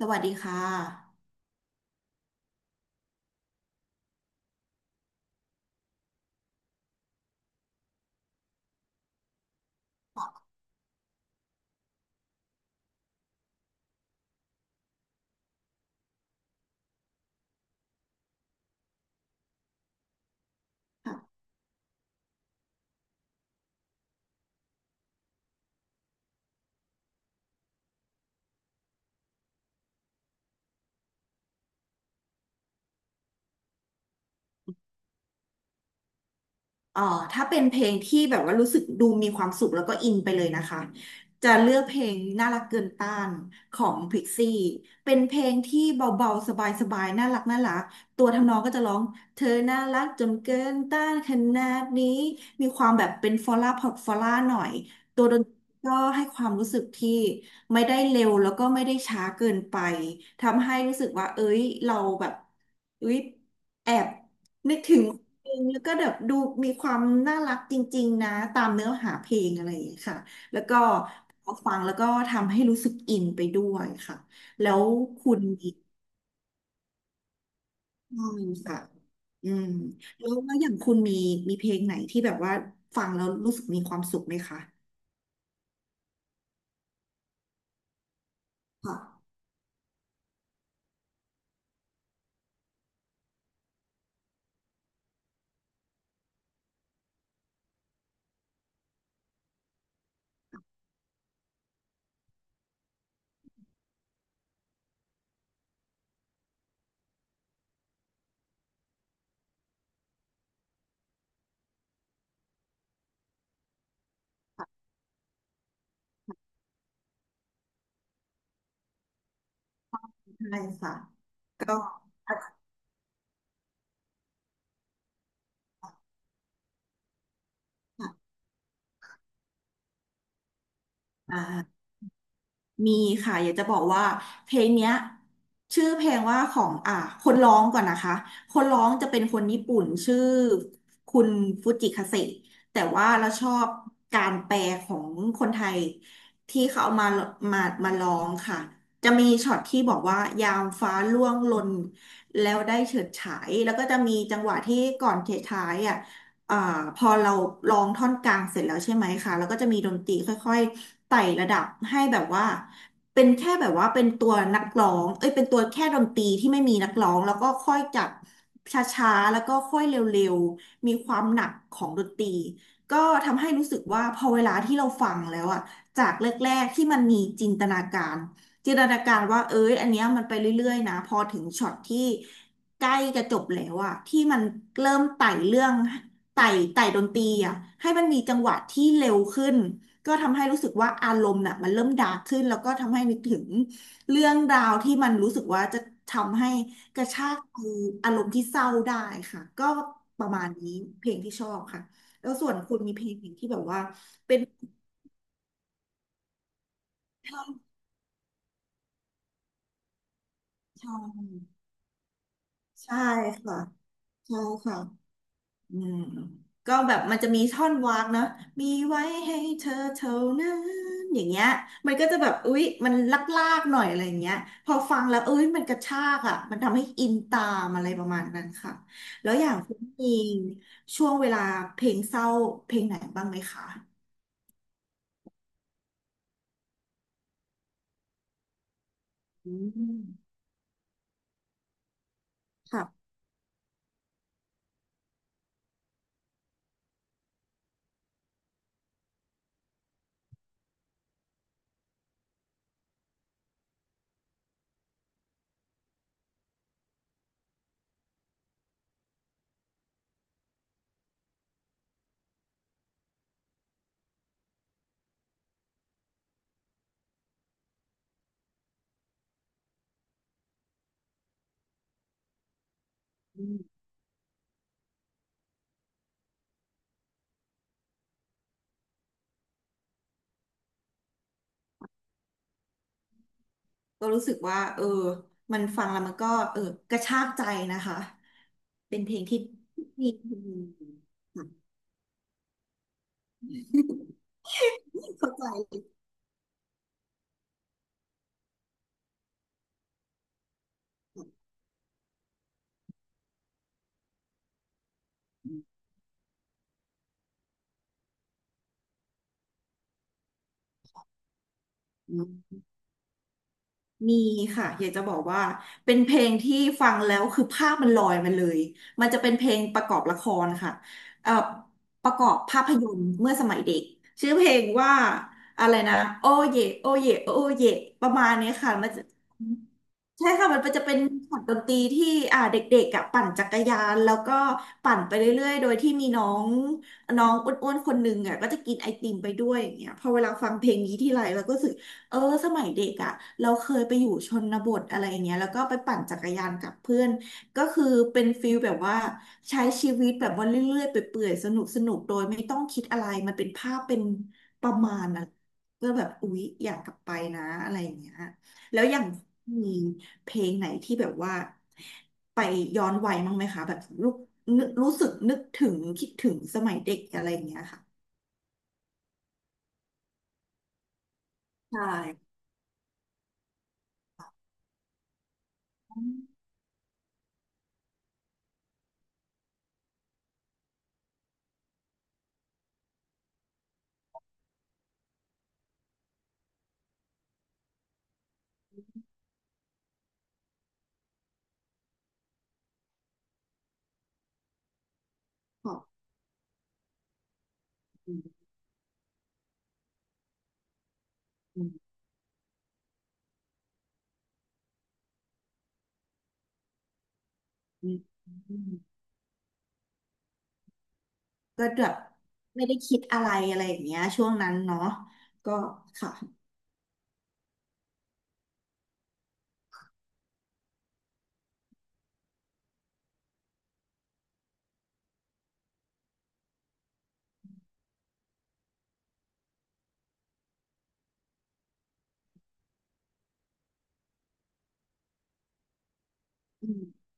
สวัสดีค่ะค่ะเอ่อถ้าเป็นเพลงที่แบบว่ารู้สึกดูมีความสุขแล้วก็อินไปเลยนะคะจะเลือกเพลงน่ารักเกินต้านของพิกซี่เป็นเพลงที่เบาๆสบายๆน่ารักน่ารักตัวทำนองก็จะร้องเธอน่ารักจนเกินต้านขนาดนี้มีความแบบเป็นฟอลล่าพอร์ตฟอลล่าหน่อยตัวดนตรีก็ให้ความรู้สึกที่ไม่ได้เร็วแล้วก็ไม่ได้ช้าเกินไปทำให้รู้สึกว่าเอ้ยเราแบบเอ้ยแอบ นึกถึงเพลงแล้วก็แบบดูมีความน่ารักจริงๆนะตามเนื้อหาเพลงอะไรอย่างเงี้ยค่ะแล้วก็พอฟังแล้วก็ทำให้รู้สึกอินไปด้วยค่ะแล้วคุณมีใช่ค่ะอืมแล้วอย่างคุณมีมีเพลงไหนที่แบบว่าฟังแล้วรู้สึกมีความสุขไหมคะค่ะใช่ค่ะก็ค่ะอ่า มีค่ะอยากจะบอกว่าเพลงเนี้ยชื่อเพลงว่าของคนร้องก่อนนะคะคนร้องจะเป็นคนญี่ปุ่นชื่อคุณฟูจิคาเซะแต่ว่าเราชอบการแปลของคนไทยที่เขาเอามามามาร้องค่ะจะมีช็อตที่บอกว่ายามฟ้าร่วงหล่นแล้วได้เฉิดฉายแล้วก็จะมีจังหวะที่ก่อนเฉิดฉายอ่ะ อ่าพอเราร้องท่อนกลางเสร็จแล้วใช่ไหมคะแล้วก็จะมีดนตรีค่อยๆไต่ระดับให้แบบว่าเป็นแค่แบบว่าเป็นตัวนักร้องเอ้ยเป็นตัวแค่ดนตรีที่ไม่มีนักร้องแล้วก็ค่อยจากช้าๆแล้วก็ค่อยเร็วๆมีความหนักของดนตรีก็ทำให้รู้สึกว่าพอเวลาที่เราฟังแล้วอะจากแรกๆที่มันมีจินตนาการ จินตนาการว่าเอ้ยอันเนี้ยมันไปเรื่อยๆนะพอถึงช็อตที่ใกล้จะจบแล้วอะที่มันเริ่มไต่เรื่องไต่ไต่ดนตรีอะให้มันมีจังหวะที่เร็วขึ้นก็ทำให้รู้สึกว่าอารมณ์น่ะมันเริ่มดาร์กขึ้นแล้วก็ทำให้นึกถึงเรื่องราวที่มันรู้สึกว่าจะทำให้กระชากคืออารมณ์ที่เศร้าได้ค่ะก็ประมาณนี้เพลงที่ชอบค่ะแล้วส่วนคุณมีเพลงไหนที่แบบว่าเป็นชอบใช่ค่ะใช่ค่ะ อืมก็แบบมันจะมีท่อนวากเนาะมีไว้ให้เธอเท่านั้นอย่างเงี้ยมันก็จะแบบอุ๊ยมันลากๆหน่อยอะไรอย่างเงี้ยพอฟังแล้วเอ้ยมันกระชากอ่ะมันทำให้อินตามอะไรประมาณนั้นค่ะแล้วอย่างคุณเองช่วงเวลาเพลงเศร้าเพลงไหนบ้างไหมคะอืมค่ะอืมก็รู้สึกว่าเออมันฟังแล้วมันก็เออกระชากใจนะคะเป็นเพลงที่มี เข้าใจอืม มีค่ะอยากจะบอกว่าเป็นเพลงที่ฟังแล้วคือภาพมันลอยมาเลยมันจะเป็นเพลงประกอบละครค่ะเอ่อประกอบภาพยนตร์เมื่อสมัยเด็กชื่อเพลงว่าอะไรนะโอเยโอเยโอเยประมาณเนี้ยค่ะมันจะ ใช่ค่ะมันจะเป็นช็อตดนตรีที่เด็กๆอ่ะปั่นจักรยานแล้วก็ปั่นไปเรื่อยๆโดยที่มีน้องน้องอ้วนๆคนหนึ่งอ่ะก็จะกินไอติมไปด้วยอย่างเงี้ยพอเวลาฟังเพลงนี้ทีไรเราก็รู้สึกเออสมัยเด็กอ่ะเราเคยไปอยู่ชนบทอะไรอย่างเงี้ยแล้วก็ไปปั่นจักรยานกับเพื่อนก็คือเป็นฟิลแบบว่าใช้ชีวิตแบบว่าเรื่อยๆไปเปื่อยๆสนุกสนุกโดยไม่ต้องคิดอะไรมันเป็นภาพเป็นประมาณนะก็แบบอุ๊ยอยากกลับไปนะอะไรอย่างเงี้ย แล้วอย่างมีเพลงไหนที่แบบว่าไปย้อนวัยมั้างไหมคะแบบรู้นึกรู้สึกนึกถึงคิดถึงสมัยเด็กอะไรอย่างเงี้ยค่ะใช่ขอบคุณอืมอืมอืมก็แบบไม่ได้คิดอะไรอะไรอย่างเงี้ยช่วงนั้นเนาะก็ค่ะอืม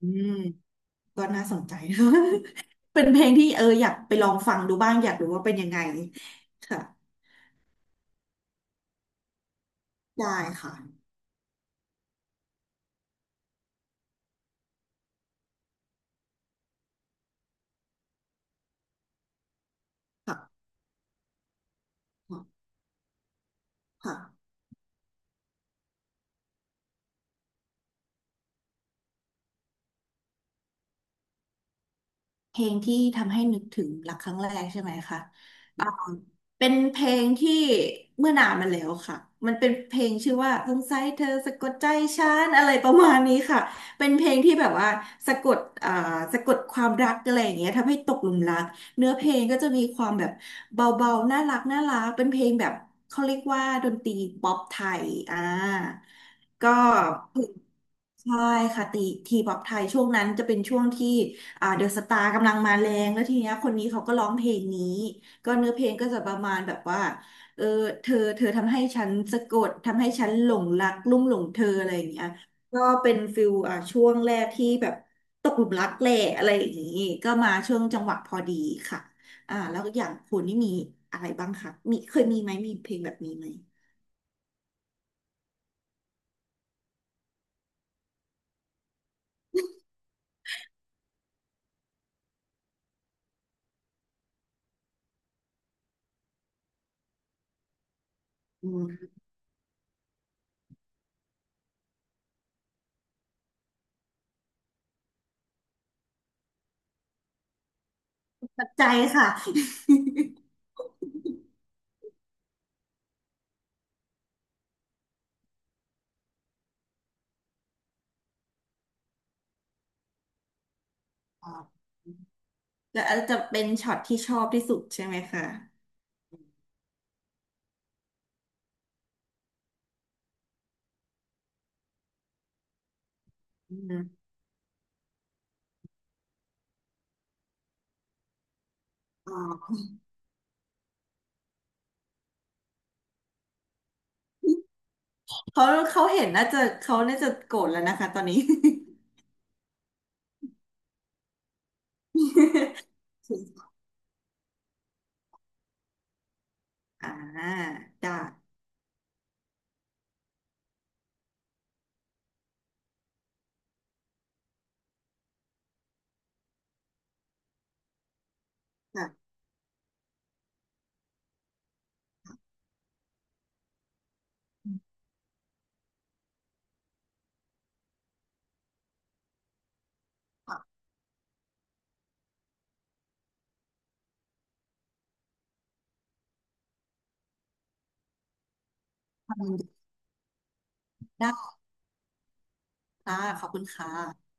อืมก็น่าสนใจ เป็นเพลงที่เอออยากไปลองฟังดูบ้างอยากรู้ว่าเป็นยังไงค่ะได้ค่ะค่ะค่ะ เพลงที่ทำให้นึกถึงรักครั้งแรกใช่ไหมคะ เป็นเพลงที่เมื่อนานมาแล้วค่ะมันเป็นเพลงชื่อว่าสงสัยเธอสะกดใจฉันอะไรประมาณนี้ค่ะเป็นเพลงที่แบบว่าสะกดอ่าสะกดความรักอะไรอย่างเงี้ยทำให้ตกหลุมรักเนื้อเพลงก็จะมีความแบบเบาๆน่ารักน่ารักเป็นเพลงแบบเขาเรียกว่าดนตรีป๊อปไทยก็ใช่ค่ะตีทีป๊อปไทยช่วงนั้นจะเป็นช่วงที่เดอะสตาร์กำลังมาแรงแล้วทีเนี้ยคนนี้เขาก็ร้องเพลงนี้ ก็เนื้อเพลงก็จะประมาณแบบว่าเออเธอทำให้ฉันสะกดทำให้ฉันหลงรักลุ่มหลงเธออะไรอย่างเงี้ยก็เป็นฟิลอ่ะช่วงแรกที่แบบตกหลุมรักแหละอะไรอย่างงี้ก็มาช่วงจังหวะพอดีค่ะอ่าแล้วก็อย่างคุณนี่มีอะไรบ้างคะมีเคยมีไหมมีเพลงแบบนี้ไหมอืมปัจจัยค่ะ อ๋อแล้วอาจจะเป็นช็อตที่ชอบที่สุดใช่ไหมคะอืมอ๋อ เขาเขาเห็นน่าจะเขาน่าจะโกรธแล้วนะคะตอนนี้ อ่าจ้าค่ะอ่ะทำได้ค่ะขอบคุณค่ะ